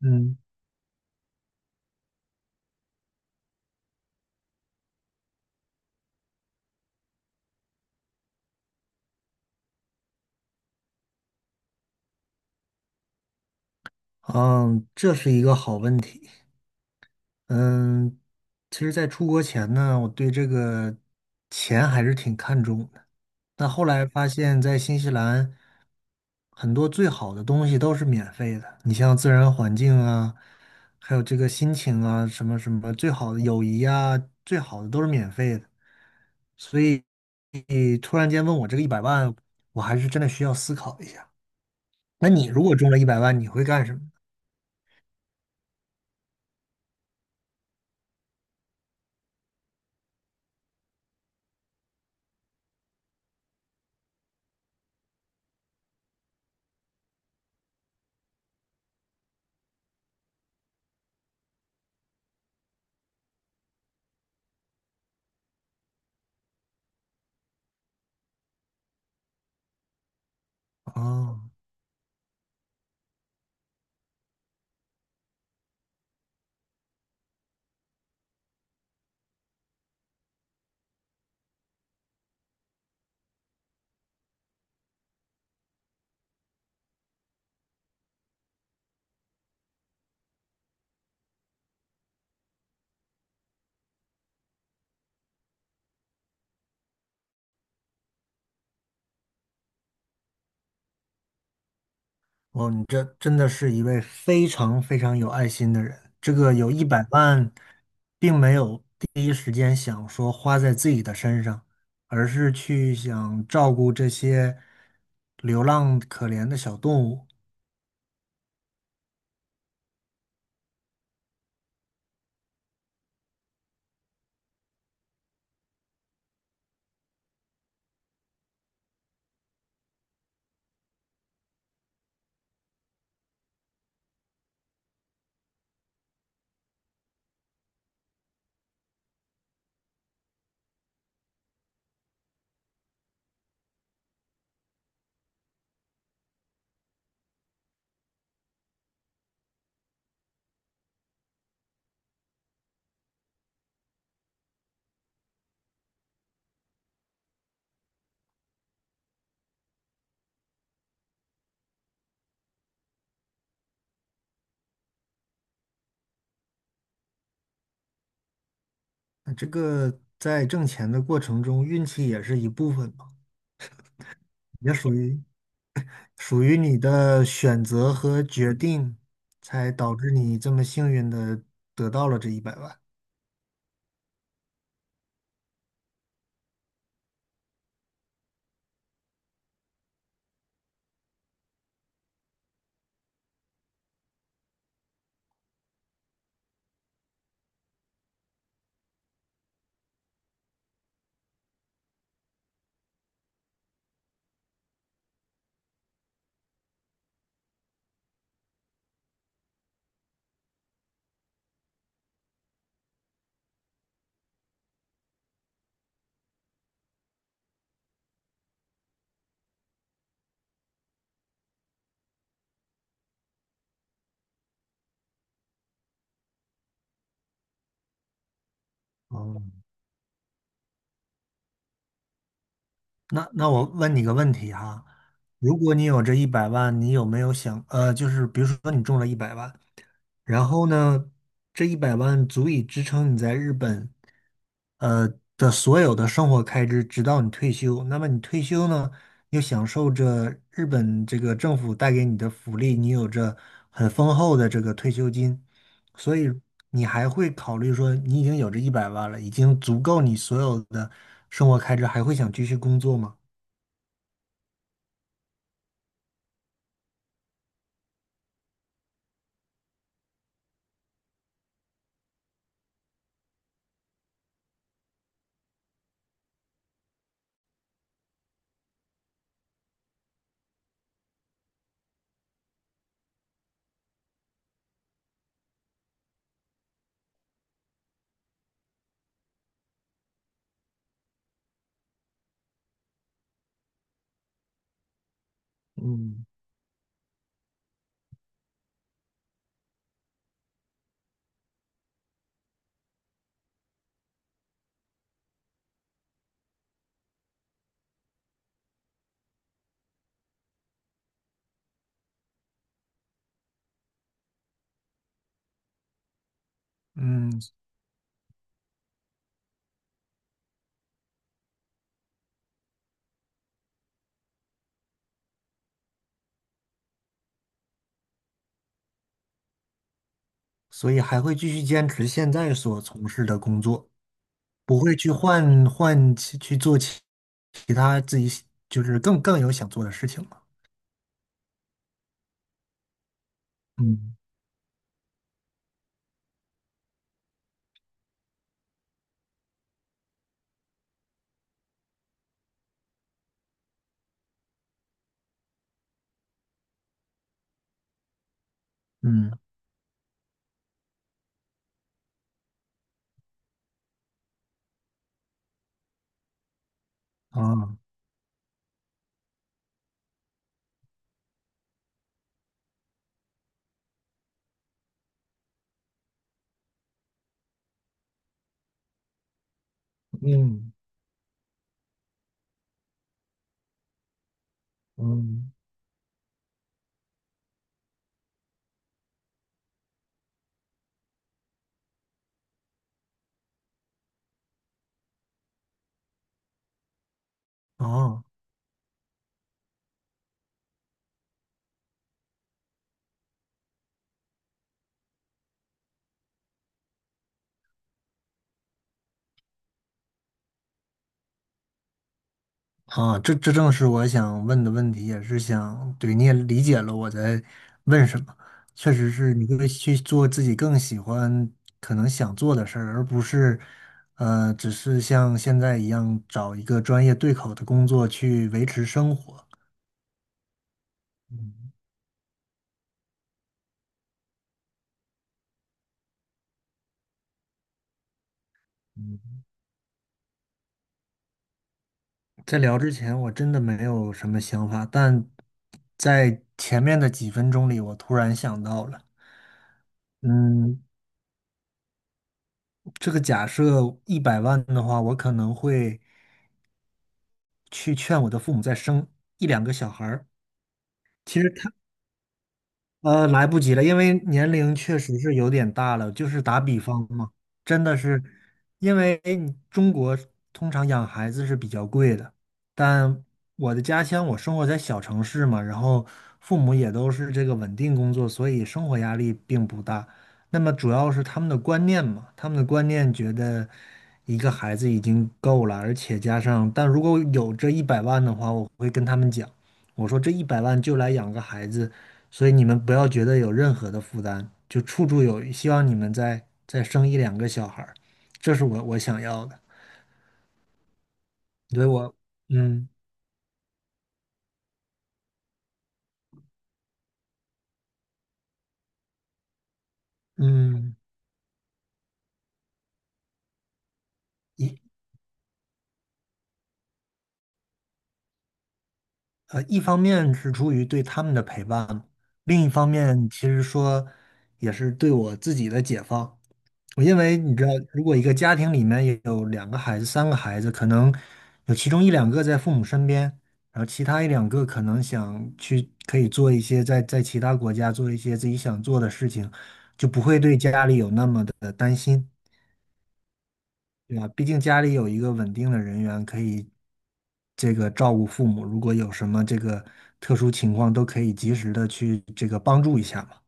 嗯，嗯，这是一个好问题。嗯，其实，在出国前呢，我对这个钱还是挺看重的。但后来发现，在新西兰，很多最好的东西都是免费的。你像自然环境啊，还有这个心情啊，什么什么，最好的友谊啊，最好的都是免费的。所以，你突然间问我这个一百万，我还是真的需要思考一下。那你如果中了一百万，你会干什么？哦。哦，你这真的是一位非常非常有爱心的人。这个有一百万，并没有第一时间想说花在自己的身上，而是去想照顾这些流浪可怜的小动物。那这个在挣钱的过程中，运气也是一部分嘛，也属于你的选择和决定，才导致你这么幸运的得到了这一百万。哦，那我问你个问题哈，如果你有这一百万，你有没有想，就是比如说你中了一百万，然后呢，这一百万足以支撑你在日本，呃的所有的生活开支，直到你退休。那么你退休呢，又享受着日本这个政府带给你的福利，你有着很丰厚的这个退休金，所以你还会考虑说，你已经有这一百万了，已经足够你所有的生活开支，还会想继续工作吗？嗯嗯，所以还会继续坚持现在所从事的工作，不会去换换其去做其他自己喜就是更有想做的事情了。嗯嗯，啊，嗯嗯，哦。啊，这正是我想问的问题，也是想，对，你也理解了我在问什么。确实是你会去做自己更喜欢、可能想做的事儿，而不是，只是像现在一样找一个专业对口的工作去维持生活。在聊之前，我真的没有什么想法，但在前面的几分钟里，我突然想到了。嗯，这个假设一百万的话，我可能会去劝我的父母再生一两个小孩儿。其实来不及了，因为年龄确实是有点大了。就是打比方嘛，真的是，因为你中国通常养孩子是比较贵的，但我的家乡我生活在小城市嘛，然后父母也都是这个稳定工作，所以生活压力并不大。那么主要是他们的观念嘛，他们的观念觉得一个孩子已经够了，而且加上，但如果有这一百万的话，我会跟他们讲，我说这一百万就来养个孩子。所以你们不要觉得有任何的负担，就处处有余，希望你们再生一两个小孩儿，这是我想要的。对我，嗯嗯，一一方面是出于对他们的陪伴，另一方面其实说也是对我自己的解放。我因为你知道，如果一个家庭里面有两个孩子、三个孩子，可能有其中一两个在父母身边，然后其他一两个可能想去可以做一些在其他国家做一些自己想做的事情，就不会对家里有那么的担心。对啊，毕竟家里有一个稳定的人员可以这个照顾父母，如果有什么这个特殊情况，都可以及时的去这个帮助一下嘛。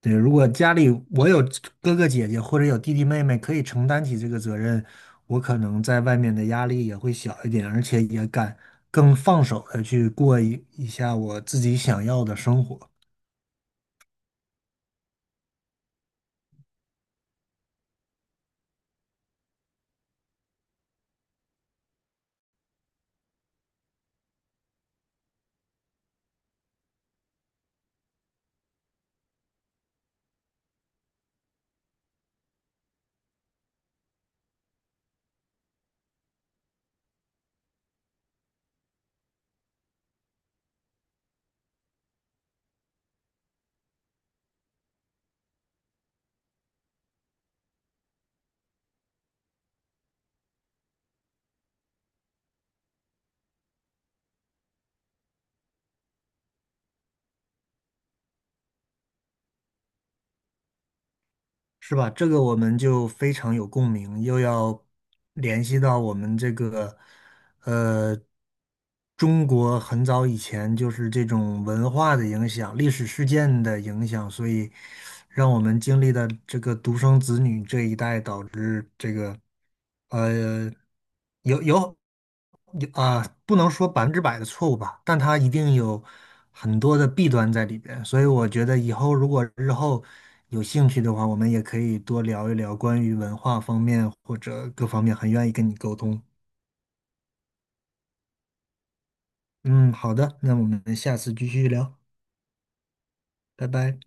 对，如果家里我有哥哥姐姐或者有弟弟妹妹，可以承担起这个责任，我可能在外面的压力也会小一点，而且也敢更放手的去过一下我自己想要的生活，是吧？这个我们就非常有共鸣，又要联系到我们这个。呃，中国很早以前就是这种文化的影响、历史事件的影响，所以让我们经历的这个独生子女这一代，导致这个呃有有有啊、不能说百分之百的错误吧，但它一定有很多的弊端在里边。所以我觉得如果日后有兴趣的话，我们也可以多聊一聊关于文化方面或者各方面，很愿意跟你沟通。嗯，好的，那我们下次继续聊，拜拜。